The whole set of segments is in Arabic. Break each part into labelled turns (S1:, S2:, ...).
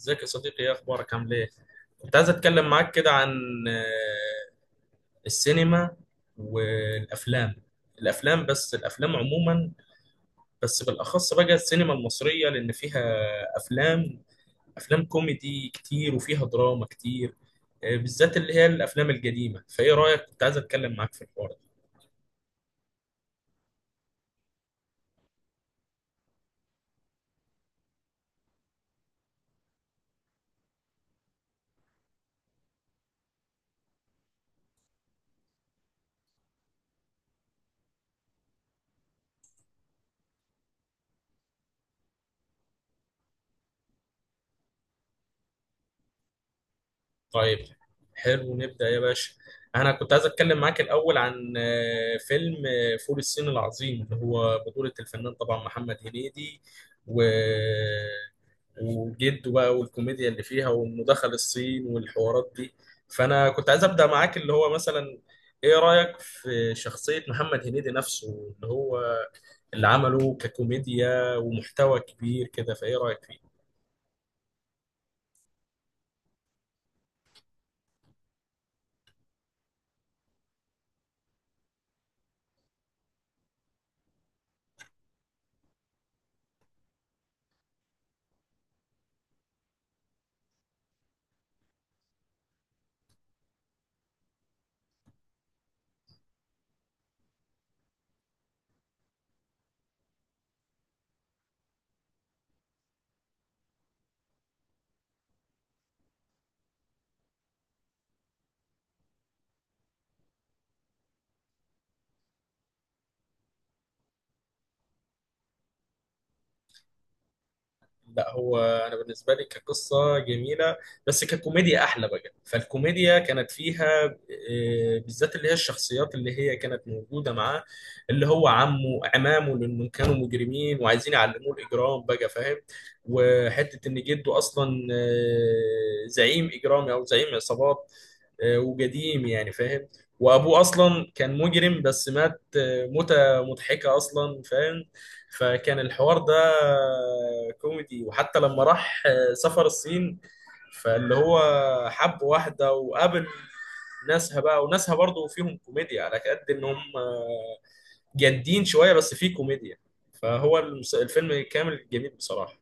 S1: ازيك يا صديقي، ايه اخبارك عامل ايه؟ كنت عايز اتكلم معاك كده عن آه، السينما والافلام. بس الافلام عموما، بس بالاخص بقى السينما المصرية لان فيها افلام افلام كوميدي كتير وفيها دراما كتير. بالذات اللي هي الافلام القديمة، فايه رايك؟ كنت عايز اتكلم معاك في الحوار. طيب، حلو نبدأ يا باشا. انا كنت عايز اتكلم معاك الاول عن فيلم فول الصين العظيم، اللي هو بطولة الفنان طبعا محمد هنيدي، و وجده بقى، والكوميديا اللي فيها، وانه دخل الصين والحوارات دي. فانا كنت عايز ابدأ معاك اللي هو مثلا، ايه رأيك في شخصية محمد هنيدي نفسه؟ اللي هو اللي عمله ككوميديا ومحتوى كبير كده، فايه رأيك فيه؟ لا، هو انا بالنسبه لي كقصه جميله، بس ككوميديا احلى بقى، فالكوميديا كانت فيها بالذات اللي هي الشخصيات اللي هي كانت موجوده معاه، اللي هو عمه عمامه، لانهم كانوا مجرمين وعايزين يعلموه الاجرام بقى، فاهم؟ وحته ان جده اصلا زعيم اجرامي او زعيم عصابات، وقديم يعني، فاهم؟ وابوه اصلا كان مجرم بس مات موتة مضحكه اصلا، فاهم؟ فكان الحوار ده كوميدي، وحتى لما راح سفر الصين، فاللي هو حب واحدة وقابل ناسها بقى، وناسها برضو فيهم كوميديا على قد ان هم جادين شوية بس في كوميديا. فهو الفيلم كامل جميل بصراحة.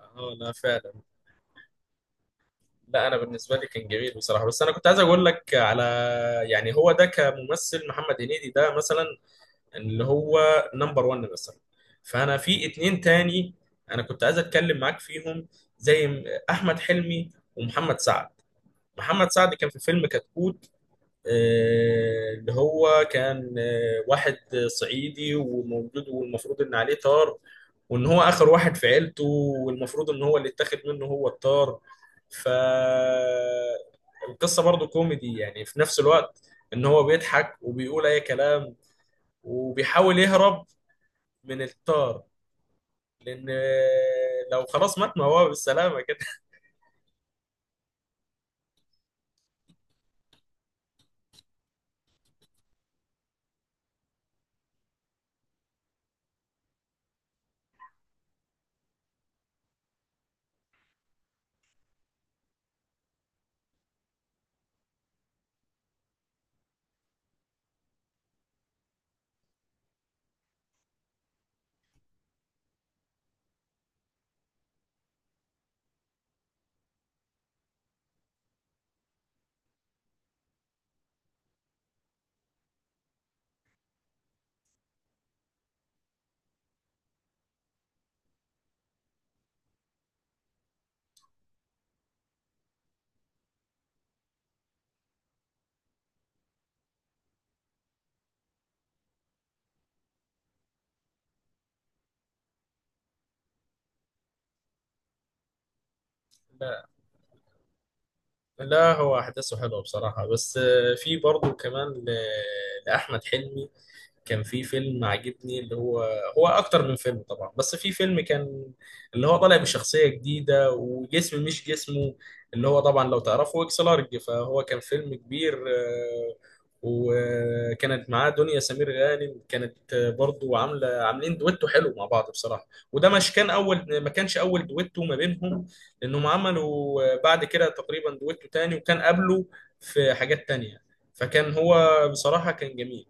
S1: اه، لا فعلا. لا، انا بالنسبة لي كان جميل بصراحة، بس انا كنت عايز اقول لك على، يعني هو ده كممثل محمد هنيدي ده مثلا، اللي هو نمبر 1 مثلا. فانا في اتنين تاني انا كنت عايز اتكلم معاك فيهم، زي احمد حلمي ومحمد سعد. محمد سعد كان في فيلم كتكوت، اللي هو كان واحد صعيدي وموجود، والمفروض ان عليه طار، وان هو اخر واحد في عيلته، والمفروض ان هو اللي اتاخد منه هو الطار. ف القصه برضو كوميدي يعني، في نفس الوقت ان هو بيضحك وبيقول اي كلام، وبيحاول يهرب من الطار، لان لو خلاص مات ما هو بالسلامه كده. لا، لا هو احداثه حلوه بصراحه، بس في برضه كمان لاحمد حلمي كان في فيلم عاجبني، اللي هو هو اكتر من فيلم طبعا، بس في فيلم كان اللي هو طالع بشخصية جديدة وجسم مش جسمه، اللي هو طبعا لو تعرفه اكس لارج، فهو كان فيلم كبير. وكانت معاه دنيا سمير غانم، كانت برضو عاملة عاملين دويتو حلو مع بعض بصراحة، وده مش كان اول، ما كانش اول دويتو ما بينهم، لانهم عملوا بعد كده تقريبا دويتو تاني، وكان قبله في حاجات تانية، فكان هو بصراحة كان جميل.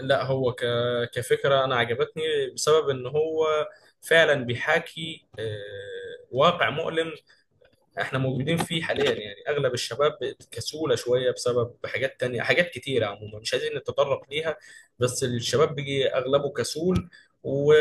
S1: لا، هو كفكرة أنا عجبتني، بسبب إن هو فعلا بيحاكي واقع مؤلم احنا موجودين فيه حاليا، يعني اغلب الشباب كسولة شوية، بسبب حاجات تانية، حاجات كتيرة عموما مش عايزين نتطرق ليها، بس الشباب بيجي اغلبه كسول، و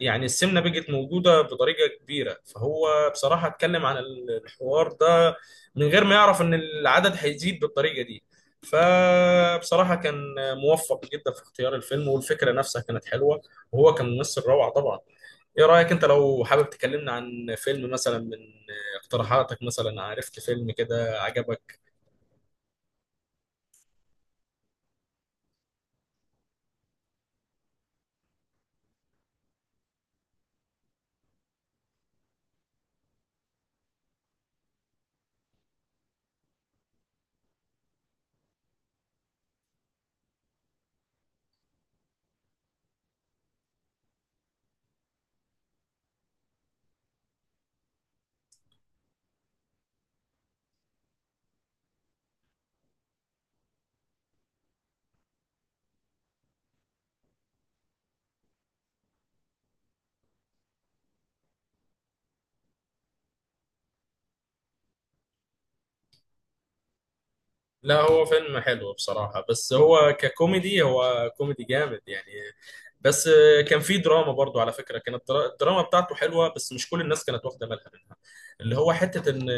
S1: يعني السمنة بقت موجودة بطريقة كبيرة، فهو بصراحة اتكلم عن الحوار ده، من غير ما يعرف ان العدد هيزيد بالطريقة دي. فبصراحة كان موفق جدا في اختيار الفيلم، والفكرة نفسها كانت حلوة، وهو كان ممثل روعة طبعا. ايه رأيك انت، لو حابب تكلمنا عن فيلم مثلا من اقتراحاتك، مثلا عرفت فيلم كده عجبك؟ لا، هو فيلم حلو بصراحة، بس هو ككوميدي هو كوميدي جامد يعني، بس كان في دراما برضو على فكرة، كانت الدراما بتاعته حلوة، بس مش كل الناس كانت واخدة بالها منها، اللي هو حتة إن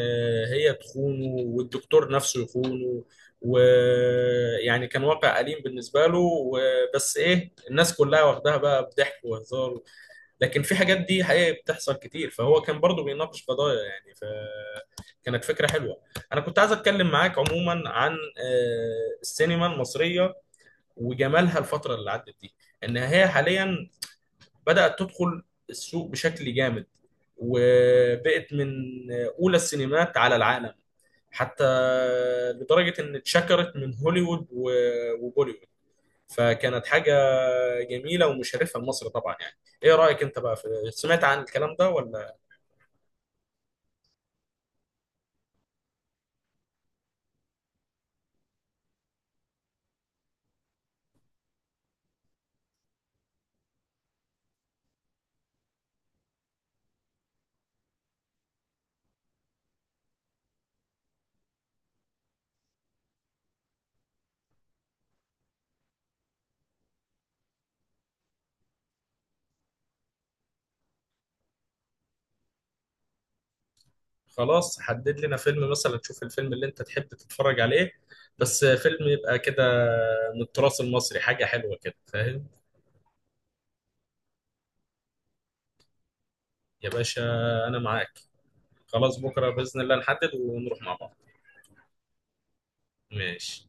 S1: هي تخونه والدكتور نفسه يخونه، ويعني كان واقع أليم بالنسبة له، وبس إيه، الناس كلها واخداها بقى بضحك وهزار، لكن في حاجات دي حقيقة بتحصل كتير، فهو كان برضو بيناقش قضايا يعني، فكانت فكرة حلوة. أنا كنت عايز أتكلم معاك عموما عن السينما المصرية وجمالها، الفترة اللي عدت دي، إن هي حاليا بدأت تدخل السوق بشكل جامد، وبقت من أولى السينمات على العالم، حتى لدرجة إن اتشكرت من هوليوود وبوليوود، فكانت حاجة جميلة ومشرفة لمصر طبعا يعني. ايه رأيك انت بقى، في سمعت عن الكلام ده ولا؟ خلاص، حدد لنا فيلم مثلا، تشوف الفيلم اللي انت تحب تتفرج عليه، بس فيلم يبقى كده من التراث المصري، حاجة حلوة كده، فاهم؟ يا باشا انا معاك، خلاص بكرة بإذن الله نحدد ونروح مع بعض. ماشي.